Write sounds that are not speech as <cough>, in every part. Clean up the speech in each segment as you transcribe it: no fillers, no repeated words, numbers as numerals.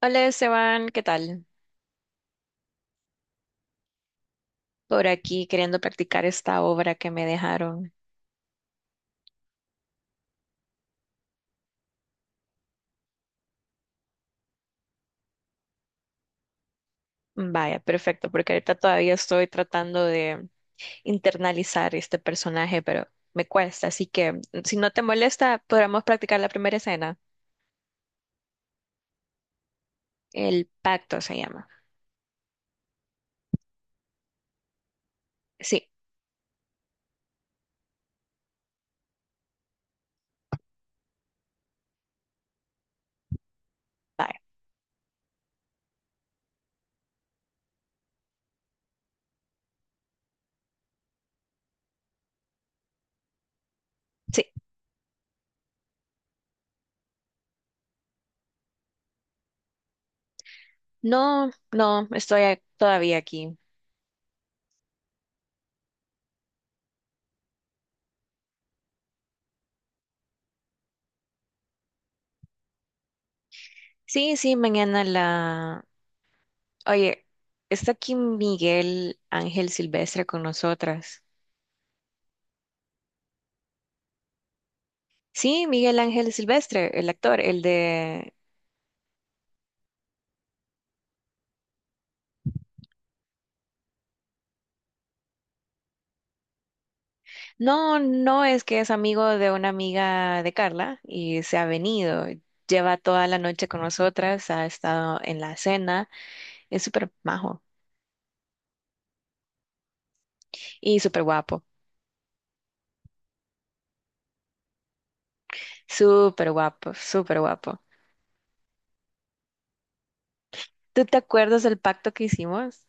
Hola Esteban, ¿qué tal? Por aquí queriendo practicar esta obra que me dejaron. Vaya, perfecto, porque ahorita todavía estoy tratando de internalizar este personaje, pero me cuesta, así que si no te molesta, podríamos practicar la primera escena. El pacto se llama. Sí, vaya, sí. No, no, estoy todavía aquí. Sí, sí, mañana la... Oye, está aquí Miguel Ángel Silvestre con nosotras. Sí, Miguel Ángel Silvestre, el actor, el de... No, no es que es amigo de una amiga de Carla y se ha venido. Lleva toda la noche con nosotras, ha estado en la cena. Es súper majo y súper guapo, súper guapo, súper guapo. ¿Tú te acuerdas del pacto que hicimos?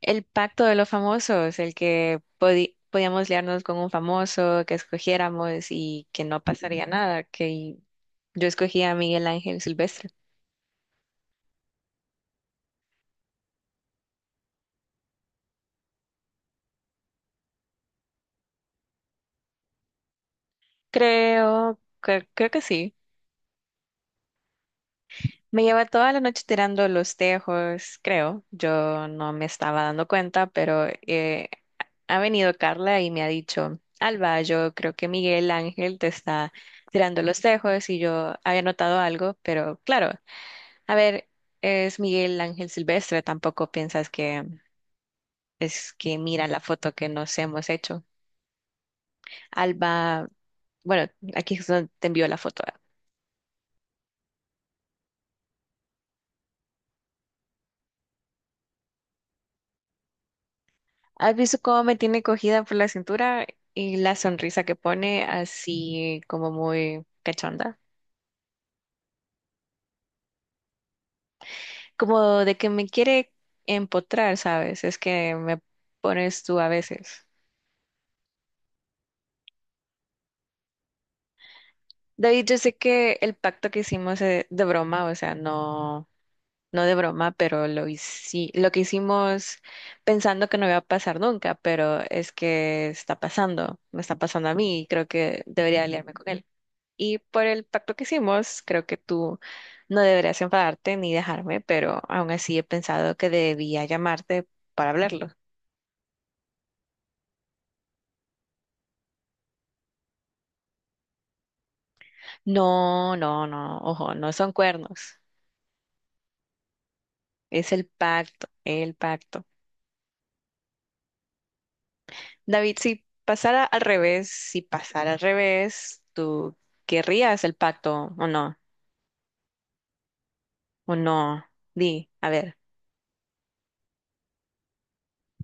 El pacto de los famosos, el que podíamos liarnos con un famoso, que escogiéramos y que no pasaría nada, que yo escogía a Miguel Ángel Silvestre. Creo que sí. Me lleva toda la noche tirando los tejos, creo. Yo no me estaba dando cuenta, pero ha venido Carla y me ha dicho, Alba, yo creo que Miguel Ángel te está tirando los tejos y yo había notado algo, pero claro, a ver, es Miguel Ángel Silvestre, tampoco piensas que es que mira la foto que nos hemos hecho. Alba, bueno, aquí es donde te envió la foto. ¿Has visto cómo me tiene cogida por la cintura y la sonrisa que pone así como muy cachonda? Como de que me quiere empotrar, ¿sabes? Es que me pones tú a veces. David, yo sé que el pacto que hicimos de broma, o sea, no, no de broma, pero lo que hicimos pensando que no iba a pasar nunca, pero es que está pasando, me está pasando a mí y creo que debería aliarme con él. Y por el pacto que hicimos, creo que tú no deberías enfadarte ni dejarme, pero aún así he pensado que debía llamarte para hablarlo. No, no, no, ojo, no son cuernos, es el pacto, el pacto. David, si pasara al revés, si pasara al revés, ¿tú querrías el pacto o no? ¿O no? Di, a ver,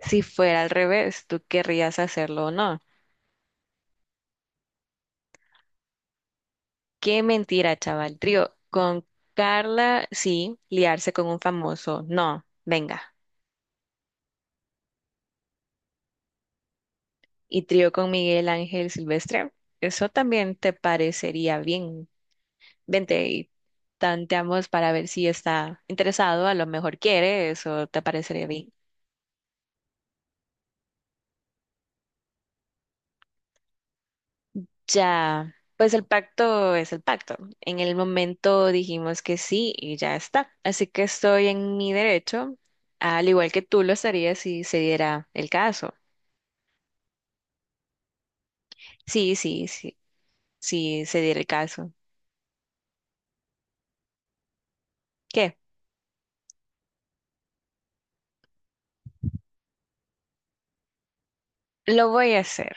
si fuera al revés, ¿tú querrías hacerlo o no? Qué mentira, chaval. Trío, con Carla, sí, liarse con un famoso, no, venga. Y trío con Miguel Ángel Silvestre, eso también te parecería bien. Vente y tanteamos para ver si está interesado, a lo mejor quiere, eso te parecería bien. Ya, pues el pacto es el pacto. En el momento dijimos que sí y ya está. Así que estoy en mi derecho, al igual que tú lo estarías si se diera el caso. Sí, sí, sí, si se diera el caso. ¿Qué? Lo voy a hacer,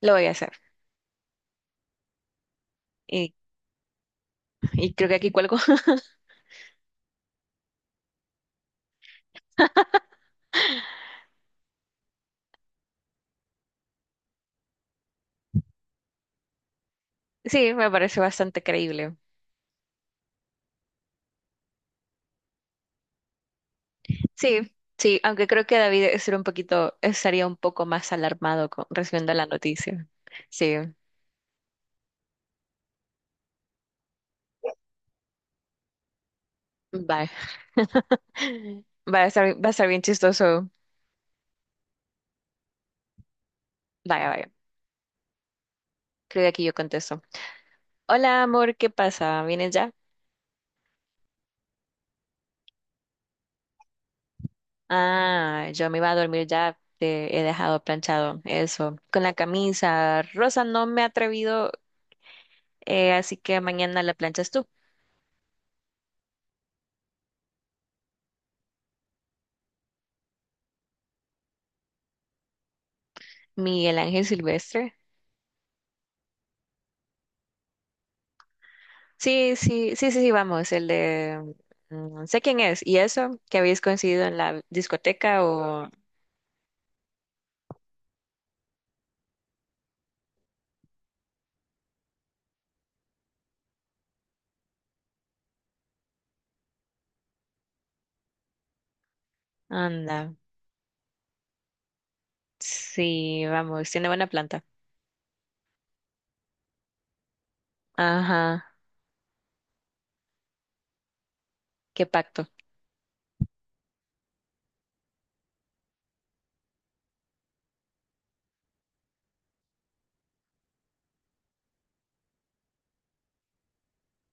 lo voy a hacer. Y, y creo que aquí cuelgo. <laughs> Sí, me parece bastante creíble. Sí, sí, aunque creo que David estaría un poquito, estaría un poco más alarmado con, recibiendo la noticia. Sí, vaya. <laughs> Va a estar bien chistoso. Vaya, vaya. Creo que aquí yo contesto. Hola, amor, ¿qué pasa? ¿Vienes ya? Ah, yo me iba a dormir ya. Te he dejado planchado eso. Con la camisa rosa no me he atrevido. Así que mañana la planchas tú. Miguel Ángel Silvestre. Sí, sí, sí, sí, sí, vamos, el de... sé quién es. ¿Y eso? ¿Que habéis coincidido en la discoteca o...? Anda. Sí, vamos, tiene buena planta. Ajá, qué pacto.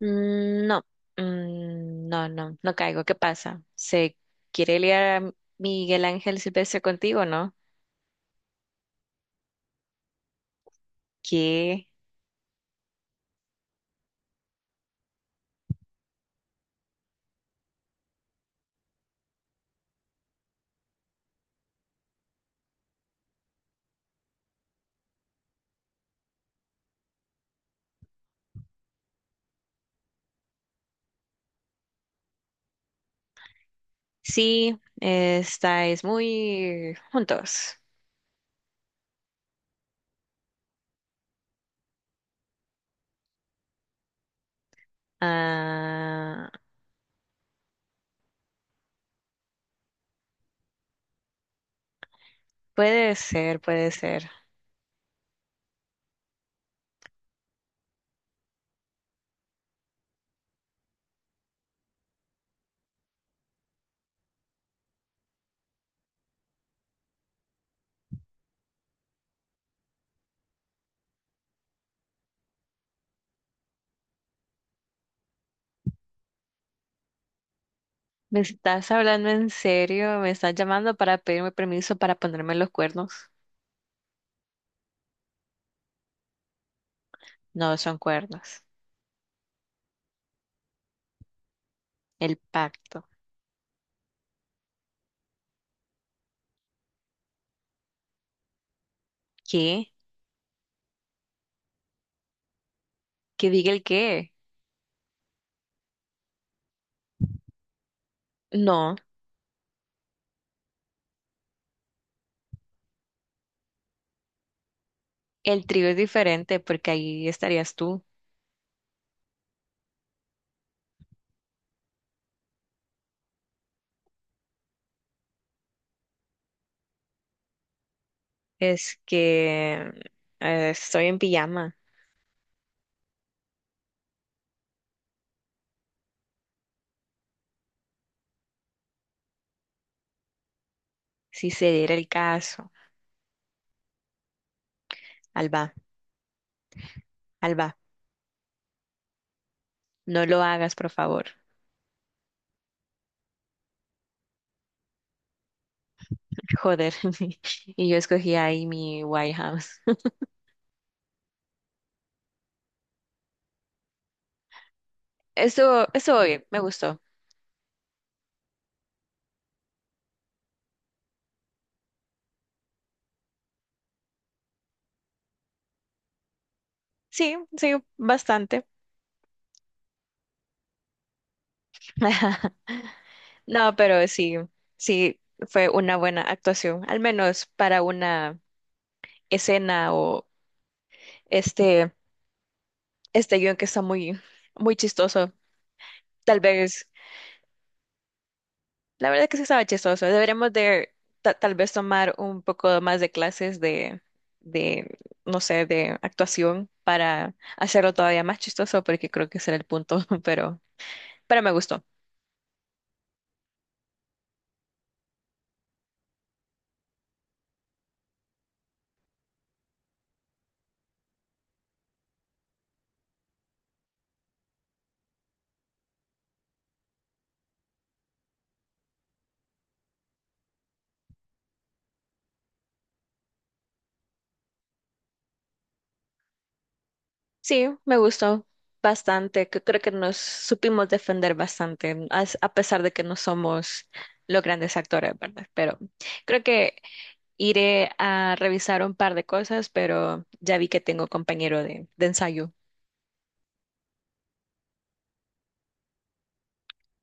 Mm, no, mm, no, no, no caigo. ¿Qué pasa? ¿Se quiere liar a Miguel Ángel Silvestre contigo, no? Que sí, estáis muy juntos. Ah, puede ser, puede ser. ¿Me estás hablando en serio? ¿Me estás llamando para pedirme permiso para ponerme los cuernos? No son cuernos. El pacto. ¿Qué? ¿Que diga el qué? No, el trío es diferente porque ahí estarías tú. Es que estoy en pijama. Si se diera el caso. Alba, Alba, no lo hagas, por favor. Joder. <laughs> Y yo escogí ahí mi White House. <laughs> Estuvo, estuvo bien, me gustó. Sí, sí, bastante. <laughs> No, pero sí, sí fue una buena actuación, al menos para una escena o este, este guión que está muy, muy chistoso. Tal vez, la verdad que sí estaba chistoso. Deberíamos de tal vez tomar un poco más de clases de, no sé, de actuación para hacerlo todavía más chistoso, porque creo que ese era el punto, <laughs> pero, pero me gustó. Sí, me gustó bastante. Que Creo que nos supimos defender bastante, a pesar de que no somos los grandes actores, ¿verdad? Pero creo que iré a revisar un par de cosas, pero ya vi que tengo compañero de ensayo.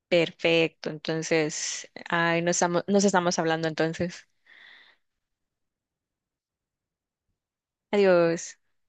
Perfecto, entonces, ay, nos estamos hablando entonces. Adiós.